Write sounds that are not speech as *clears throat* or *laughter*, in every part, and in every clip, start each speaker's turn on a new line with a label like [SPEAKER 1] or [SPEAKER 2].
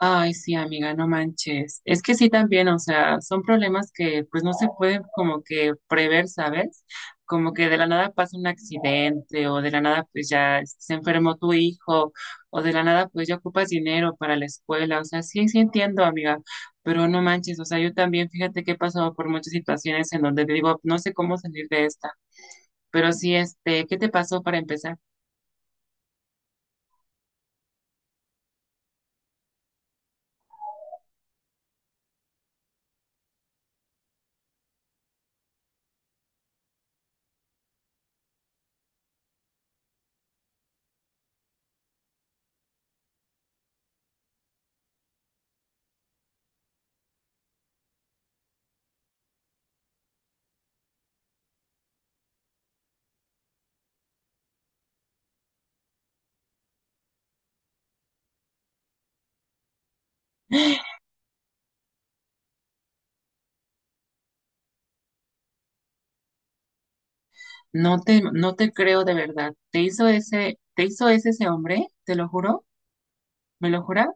[SPEAKER 1] Ay, sí, amiga, no manches. Es que sí también, o sea, son problemas que pues no se pueden como que prever, ¿sabes? Como que de la nada pasa un accidente o de la nada pues ya se enfermó tu hijo o de la nada pues ya ocupas dinero para la escuela. O sea, sí, sí entiendo, amiga, pero no manches, o sea, yo también fíjate que he pasado por muchas situaciones en donde digo, no sé cómo salir de esta. Pero sí, ¿qué te pasó para empezar? No te creo de verdad. ¿Te hizo ese, te hizo ese hombre? Te lo juro. ¿Me lo jura?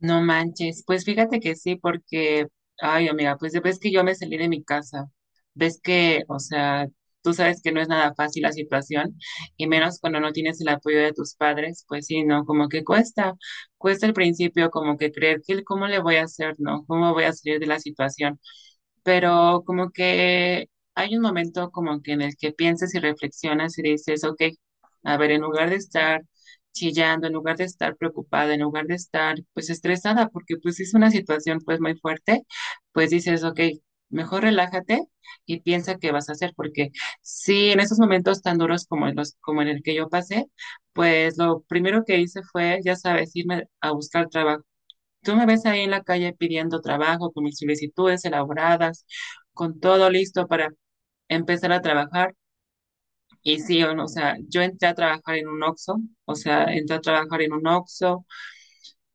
[SPEAKER 1] No manches. Pues fíjate que sí, porque, ay, amiga, pues ves que yo me salí de mi casa. Ves que, o sea, tú sabes que no es nada fácil la situación, y menos cuando no tienes el apoyo de tus padres, pues sí, no, como que cuesta, cuesta al principio, como que creer que el cómo le voy a hacer, ¿no? ¿Cómo voy a salir de la situación? Pero como que hay un momento como que en el que piensas y reflexionas y dices, ok, a ver, en lugar de estar chillando, en lugar de estar preocupada, en lugar de estar pues estresada, porque pues es una situación pues muy fuerte, pues dices, ok, mejor relájate y piensa qué vas a hacer, porque sí, en esos momentos tan duros como en los, como en el que yo pasé, pues lo primero que hice fue, ya sabes, irme a buscar trabajo. Tú me ves ahí en la calle pidiendo trabajo con mis solicitudes elaboradas, con todo listo para empezar a trabajar. Y sí, o no, o sea, yo entré a trabajar en un Oxxo, o sea, entré a trabajar en un Oxxo,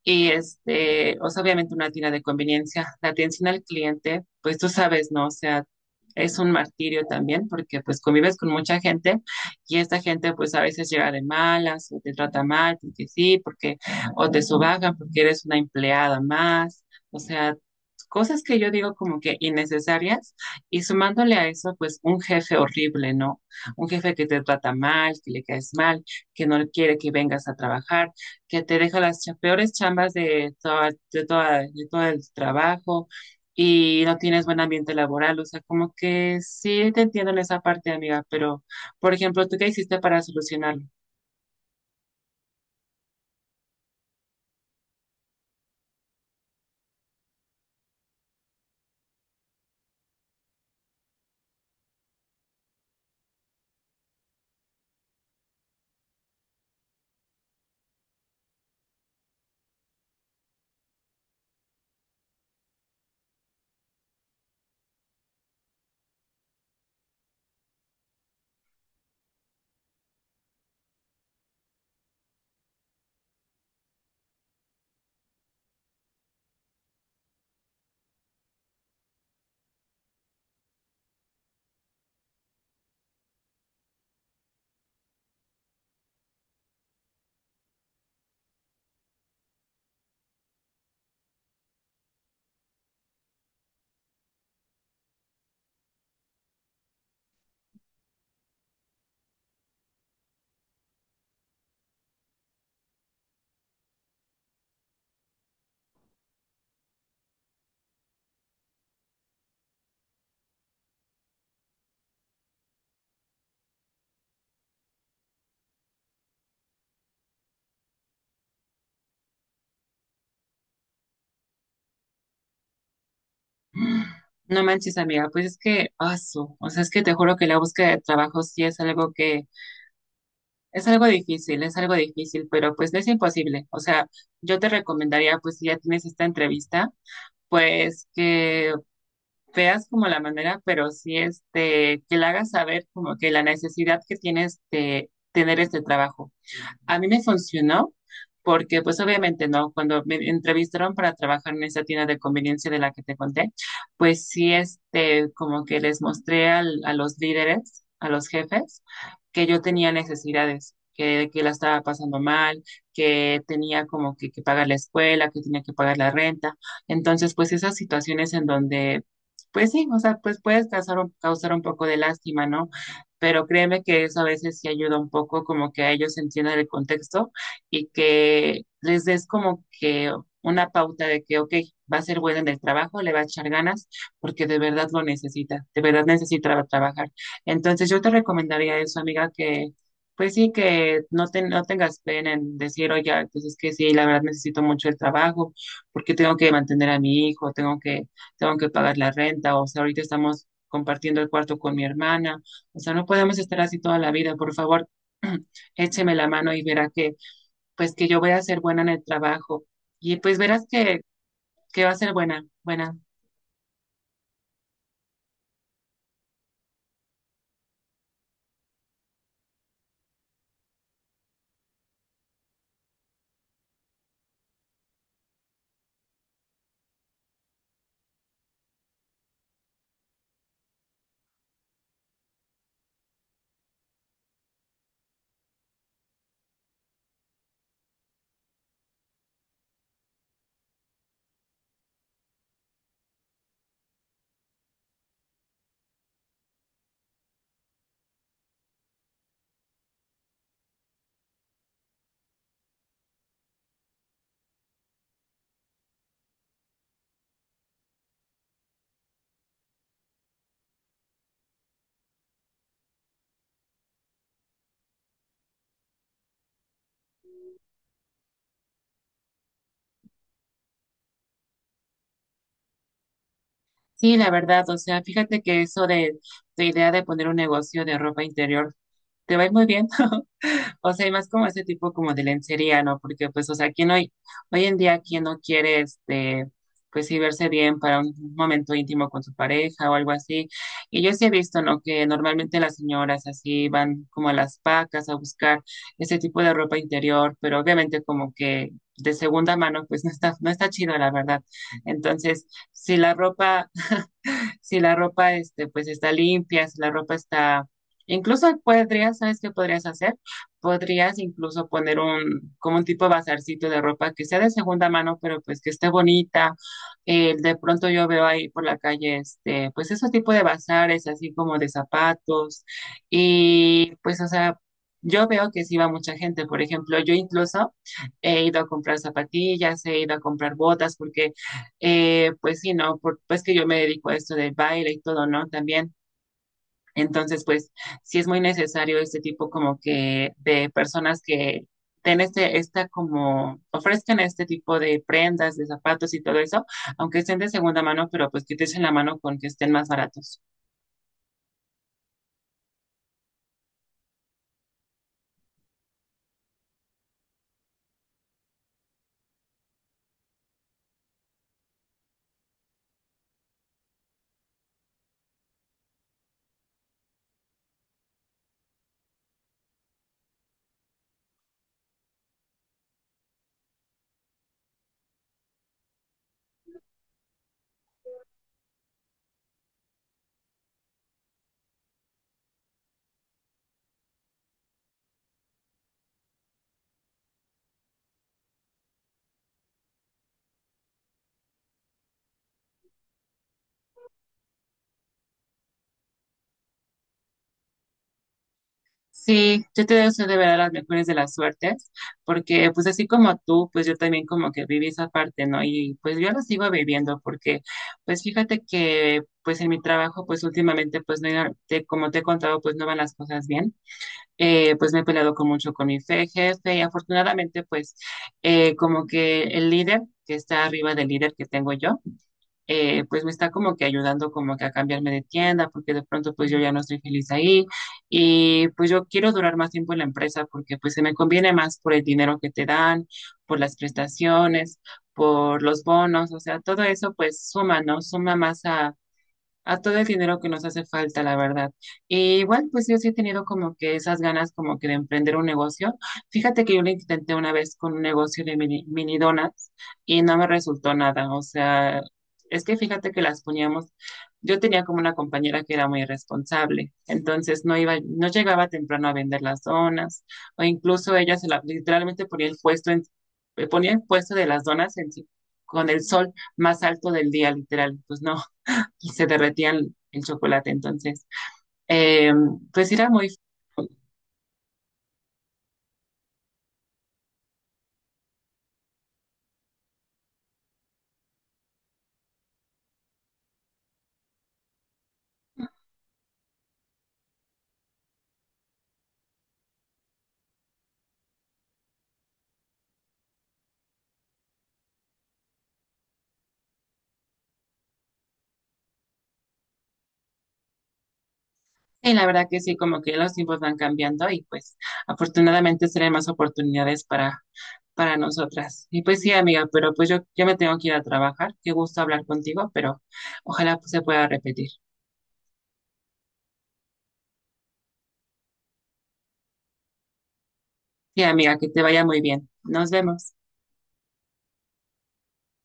[SPEAKER 1] y o sea, obviamente una tienda de conveniencia, la atención al cliente, pues tú sabes, ¿no? O sea, es un martirio también porque pues convives con mucha gente y esta gente pues a veces llega de malas o te trata mal porque sí, porque o te subajan porque eres una empleada más, o sea, cosas que yo digo como que innecesarias y sumándole a eso pues un jefe horrible, ¿no? Un jefe que te trata mal, que le caes mal, que no quiere que vengas a trabajar, que te deja las peores chambas de todo el trabajo y no tienes buen ambiente laboral. O sea, como que sí te entiendo en esa parte, amiga, pero, por ejemplo, ¿tú qué hiciste para solucionarlo? No manches, amiga, pues es que, o sea, es que te juro que la búsqueda de trabajo sí es algo que, es algo difícil, pero pues no es imposible. O sea, yo te recomendaría, pues si ya tienes esta entrevista, pues que veas como la manera, pero sí que le hagas saber como que la necesidad que tienes de tener este trabajo. A mí me funcionó porque pues obviamente no, cuando me entrevistaron para trabajar en esa tienda de conveniencia de la que te conté, pues sí, como que les mostré a los líderes, a los jefes, que yo tenía necesidades, que la estaba pasando mal, que tenía como que pagar la escuela, que tenía que pagar la renta. Entonces, pues esas situaciones en donde, pues sí, o sea, pues puedes causar un poco de lástima, ¿no? Pero créeme que eso a veces sí ayuda un poco como que a ellos entiendan el contexto y que les des como que una pauta de que, ok, va a ser buena en el trabajo, le va a echar ganas, porque de verdad lo necesita, de verdad necesita trabajar. Entonces yo te recomendaría eso, amiga, que pues sí, que no, no tengas pena en decir, oye, pues es que sí, la verdad necesito mucho el trabajo, porque tengo que mantener a mi hijo, tengo que pagar la renta, o sea, ahorita estamos compartiendo el cuarto con mi hermana. O sea, no podemos estar así toda la vida, por favor, *clears throat* écheme la mano y verá que, pues que yo voy a ser buena en el trabajo. Y pues verás que va a ser buena, buena. Sí, la verdad, o sea, fíjate que eso de la idea de poner un negocio de ropa interior te va a ir muy bien. *laughs* O sea, y más como ese tipo como de lencería, ¿no? Porque pues, o sea, hoy en día, quién no quiere, pues sí verse bien para un momento íntimo con su pareja o algo así. Y yo sí he visto, ¿no? Que normalmente las señoras así van como a las pacas a buscar ese tipo de ropa interior, pero obviamente como que de segunda mano, pues no está, no está chido, la verdad. Entonces, si la ropa si la ropa pues está limpia, si la ropa está, incluso podrías, ¿sabes qué podrías hacer? Podrías incluso poner un, como un tipo de bazarcito de ropa que sea de segunda mano, pero pues que esté bonita. De pronto yo veo ahí por la calle, pues esos tipos de bazares, así como de zapatos, y pues, o sea, yo veo que sí va mucha gente. Por ejemplo, yo incluso he ido a comprar zapatillas, he ido a comprar botas, porque pues sí, ¿no? Por, pues que yo me dedico a esto del baile y todo, ¿no? También. Entonces, pues sí es muy necesario este tipo como que de personas que ten ofrezcan este tipo de prendas, de zapatos y todo eso, aunque estén de segunda mano, pero pues que te echen la mano con que estén más baratos. Sí, yo te deseo de verdad las mejores de las suertes, porque pues así como tú, pues yo también como que viví esa parte, ¿no? Y pues yo la sigo viviendo, porque pues fíjate que pues en mi trabajo pues últimamente pues no, como te he contado pues no van las cosas bien. Pues me he peleado con mucho con mi jefe y afortunadamente pues como que el líder que está arriba del líder que tengo yo, pues me está como que ayudando como que a cambiarme de tienda, porque de pronto pues yo ya no estoy feliz ahí y pues yo quiero durar más tiempo en la empresa porque pues se me conviene más por el dinero que te dan, por las prestaciones, por los bonos, o sea, todo eso pues suma, ¿no? Suma más a todo el dinero que nos hace falta, la verdad. Y igual, pues yo sí he tenido como que esas ganas como que de emprender un negocio. Fíjate que yo lo intenté una vez con un negocio de mini donuts y no me resultó nada. O sea, es que fíjate que las poníamos, yo tenía como una compañera que era muy irresponsable, entonces no iba, no llegaba temprano a vender las donas, o incluso ella se la, literalmente ponía el puesto en, ponía el puesto de las donas en, sí, con el sol más alto del día, literal. Pues no, y se derretía el chocolate. Entonces, eh, pues era muy... Y la verdad que sí, como que los tiempos van cambiando y pues afortunadamente serán más oportunidades para nosotras. Y pues sí, amiga, pero pues yo me tengo que ir a trabajar. Qué gusto hablar contigo, pero ojalá pues, se pueda repetir. Sí, amiga, que te vaya muy bien. Nos vemos.